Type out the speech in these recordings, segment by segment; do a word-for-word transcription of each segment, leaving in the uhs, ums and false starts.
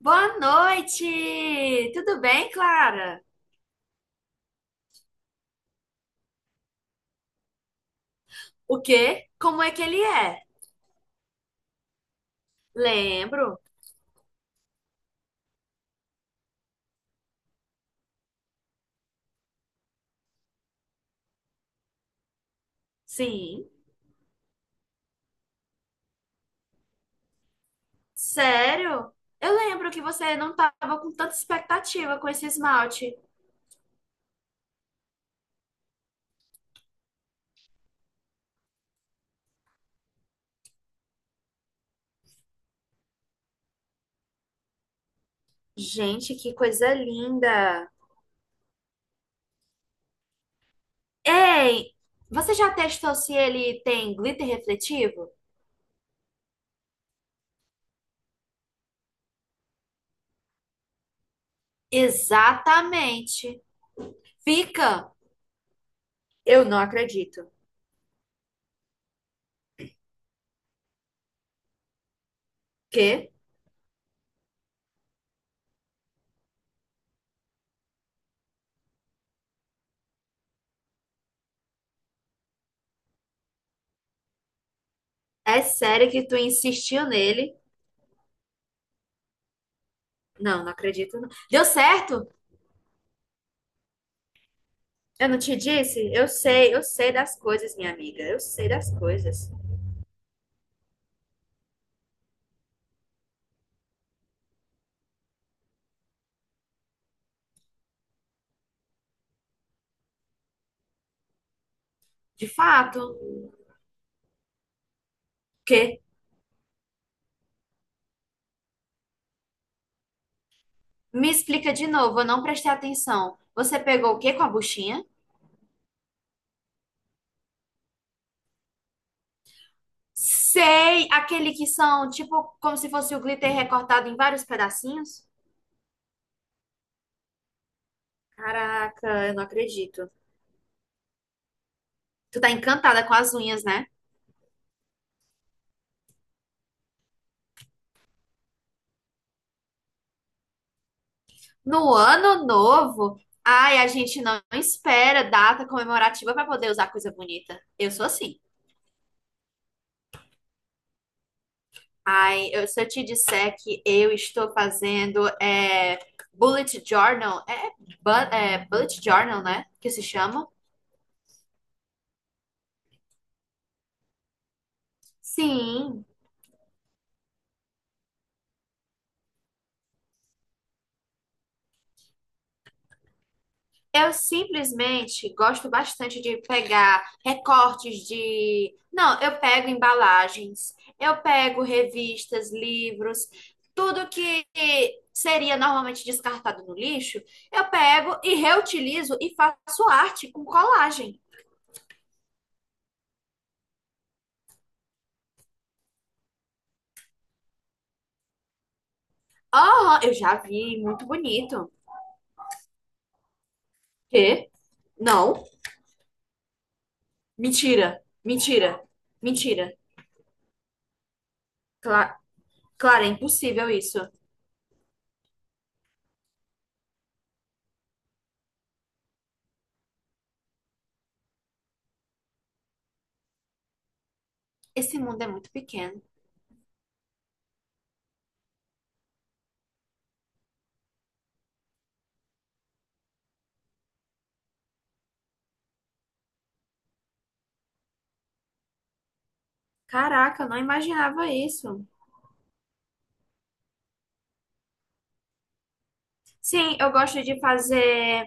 Boa noite! Tudo bem, Clara? O quê? Como é que ele é? Lembro. Sim. Sério? Eu lembro que você não estava com tanta expectativa com esse esmalte. Gente, que coisa linda! Ei, você já testou se ele tem glitter refletivo? Exatamente. Fica! Eu não acredito. Quê? É sério que tu insistiu nele? Não, não acredito. Não. Deu certo? Eu não te disse? Eu sei, eu sei das coisas, minha amiga. Eu sei das coisas. De fato. O quê? Me explica de novo, eu não prestei atenção. Você pegou o quê com a buchinha? Sei, aquele que são tipo como se fosse o glitter recortado em vários pedacinhos? Caraca, eu não acredito. Tu tá encantada com as unhas, né? No ano novo, ai, a gente não espera data comemorativa pra poder usar coisa bonita. Eu sou assim. Ai, eu, se eu te disser que eu estou fazendo é, bullet journal, é, bu- é bullet journal, né? Que se chama? Sim, eu simplesmente gosto bastante de pegar recortes de. Não, eu pego embalagens, eu pego revistas, livros, tudo que seria normalmente descartado no lixo, eu pego e reutilizo e faço arte com colagem. Aham, eu já vi, muito bonito. Quê? Não. Mentira. Mentira. Mentira. Cla Clara, é impossível isso. Esse mundo é muito pequeno. Caraca, eu não imaginava isso. Sim, eu gosto de fazer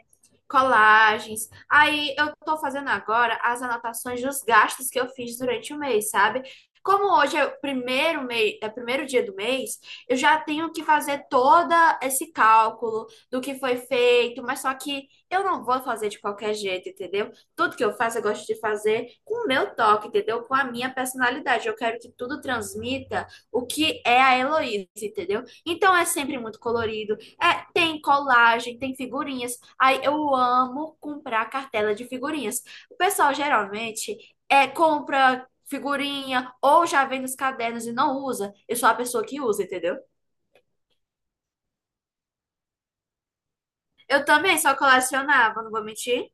colagens. Aí eu tô fazendo agora as anotações dos gastos que eu fiz durante o mês, sabe? Como hoje é o primeiro mês, é o primeiro dia do mês, eu já tenho que fazer todo esse cálculo do que foi feito, mas só que eu não vou fazer de qualquer jeito, entendeu? Tudo que eu faço, eu gosto de fazer com o meu toque, entendeu? Com a minha personalidade. Eu quero que tudo transmita o que é a Heloísa, entendeu? Então é sempre muito colorido. É, tem colagem, tem figurinhas. Aí eu amo comprar cartela de figurinhas. O pessoal geralmente é, compra figurinha ou já vem nos cadernos e não usa. Eu sou a pessoa que usa, entendeu? Eu também só colecionava, não vou mentir.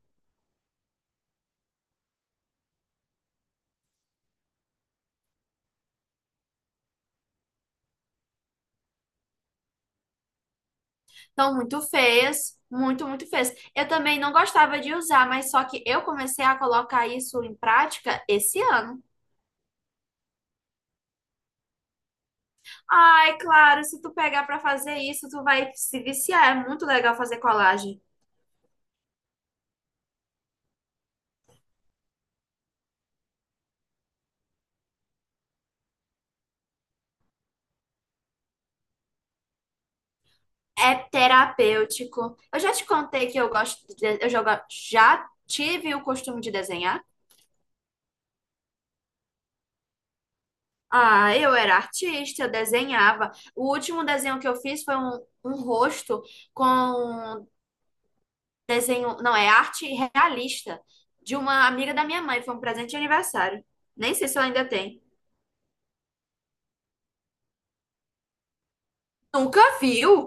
Então, muito feias, muito, muito feias. Eu também não gostava de usar, mas só que eu comecei a colocar isso em prática esse ano. Ai, claro, se tu pegar pra fazer isso, tu vai se viciar. É muito legal fazer colagem. É terapêutico. Eu já te contei que eu gosto de, eu joga- já tive o costume de desenhar. Ah, eu era artista, eu desenhava. O último desenho que eu fiz foi um, um rosto com desenho, não, é arte realista de uma amiga da minha mãe. Foi um presente de aniversário. Nem sei se ela ainda tem. Nunca viu?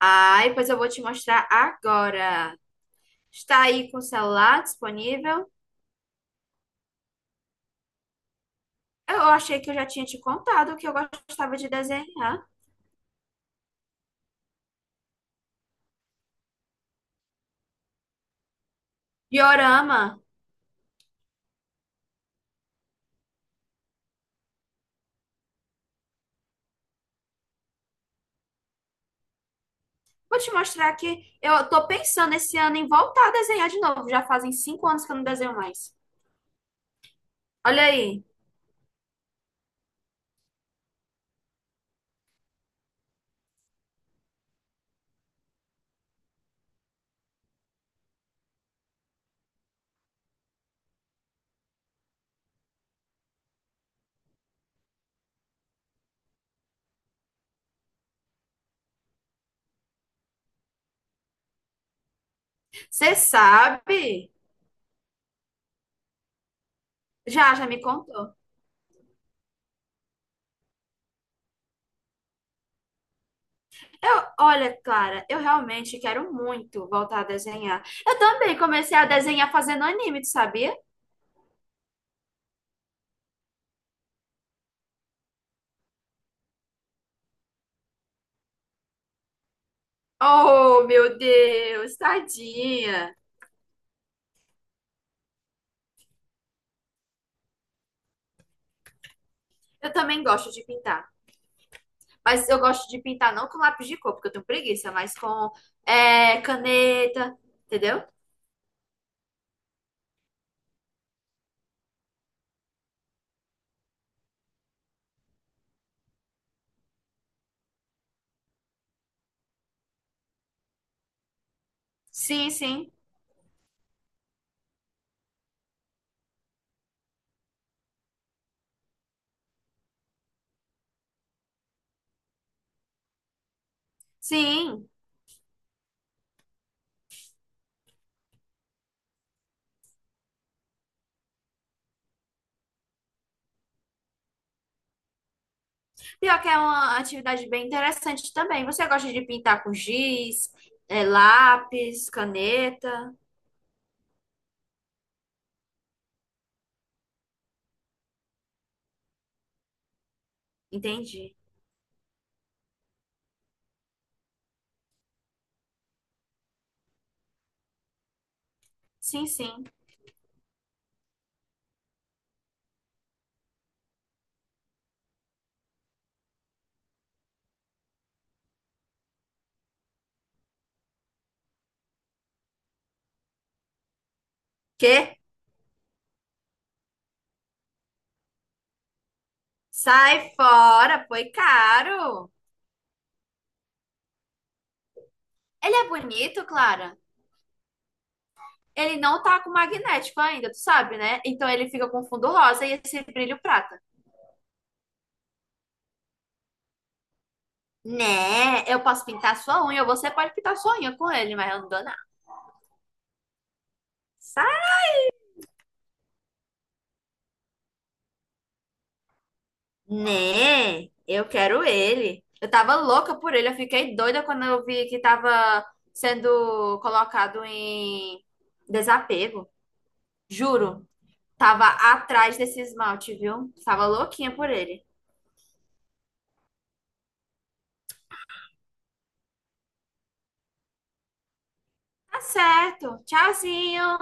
Ai, pois eu vou te mostrar agora. Está aí com o celular disponível? Eu achei que eu já tinha te contado que eu gostava de desenhar. Diorama. Vou te mostrar que eu tô pensando esse ano em voltar a desenhar de novo. Já fazem cinco anos que eu não desenho mais. Olha aí. Você sabe? Já, já me contou. Eu, olha, Clara, eu realmente quero muito voltar a desenhar. Eu também comecei a desenhar fazendo anime, tu sabia? Oh, meu Deus, tadinha. Eu também gosto de pintar. Mas eu gosto de pintar não com lápis de cor, porque eu tenho preguiça, mas com é, caneta, entendeu? Sim, sim. Sim. Pior que é uma atividade bem interessante também. Você gosta de pintar com giz, é, lápis, caneta? Entendi. Sim, sim. Quê? Sai fora, foi caro. Ele é bonito, Clara. Ele não tá com magnético ainda, tu sabe, né? Então ele fica com fundo rosa e esse brilho prata. Né? Eu posso pintar sua unha, ou você pode pintar sua unha com ele, mas eu não dou nada. Né? Eu quero ele. Eu tava louca por ele. Eu fiquei doida quando eu vi que tava sendo colocado em desapego. Juro. Tava atrás desse esmalte, viu? Tava louquinha por ele. Tá certo. Tchauzinho.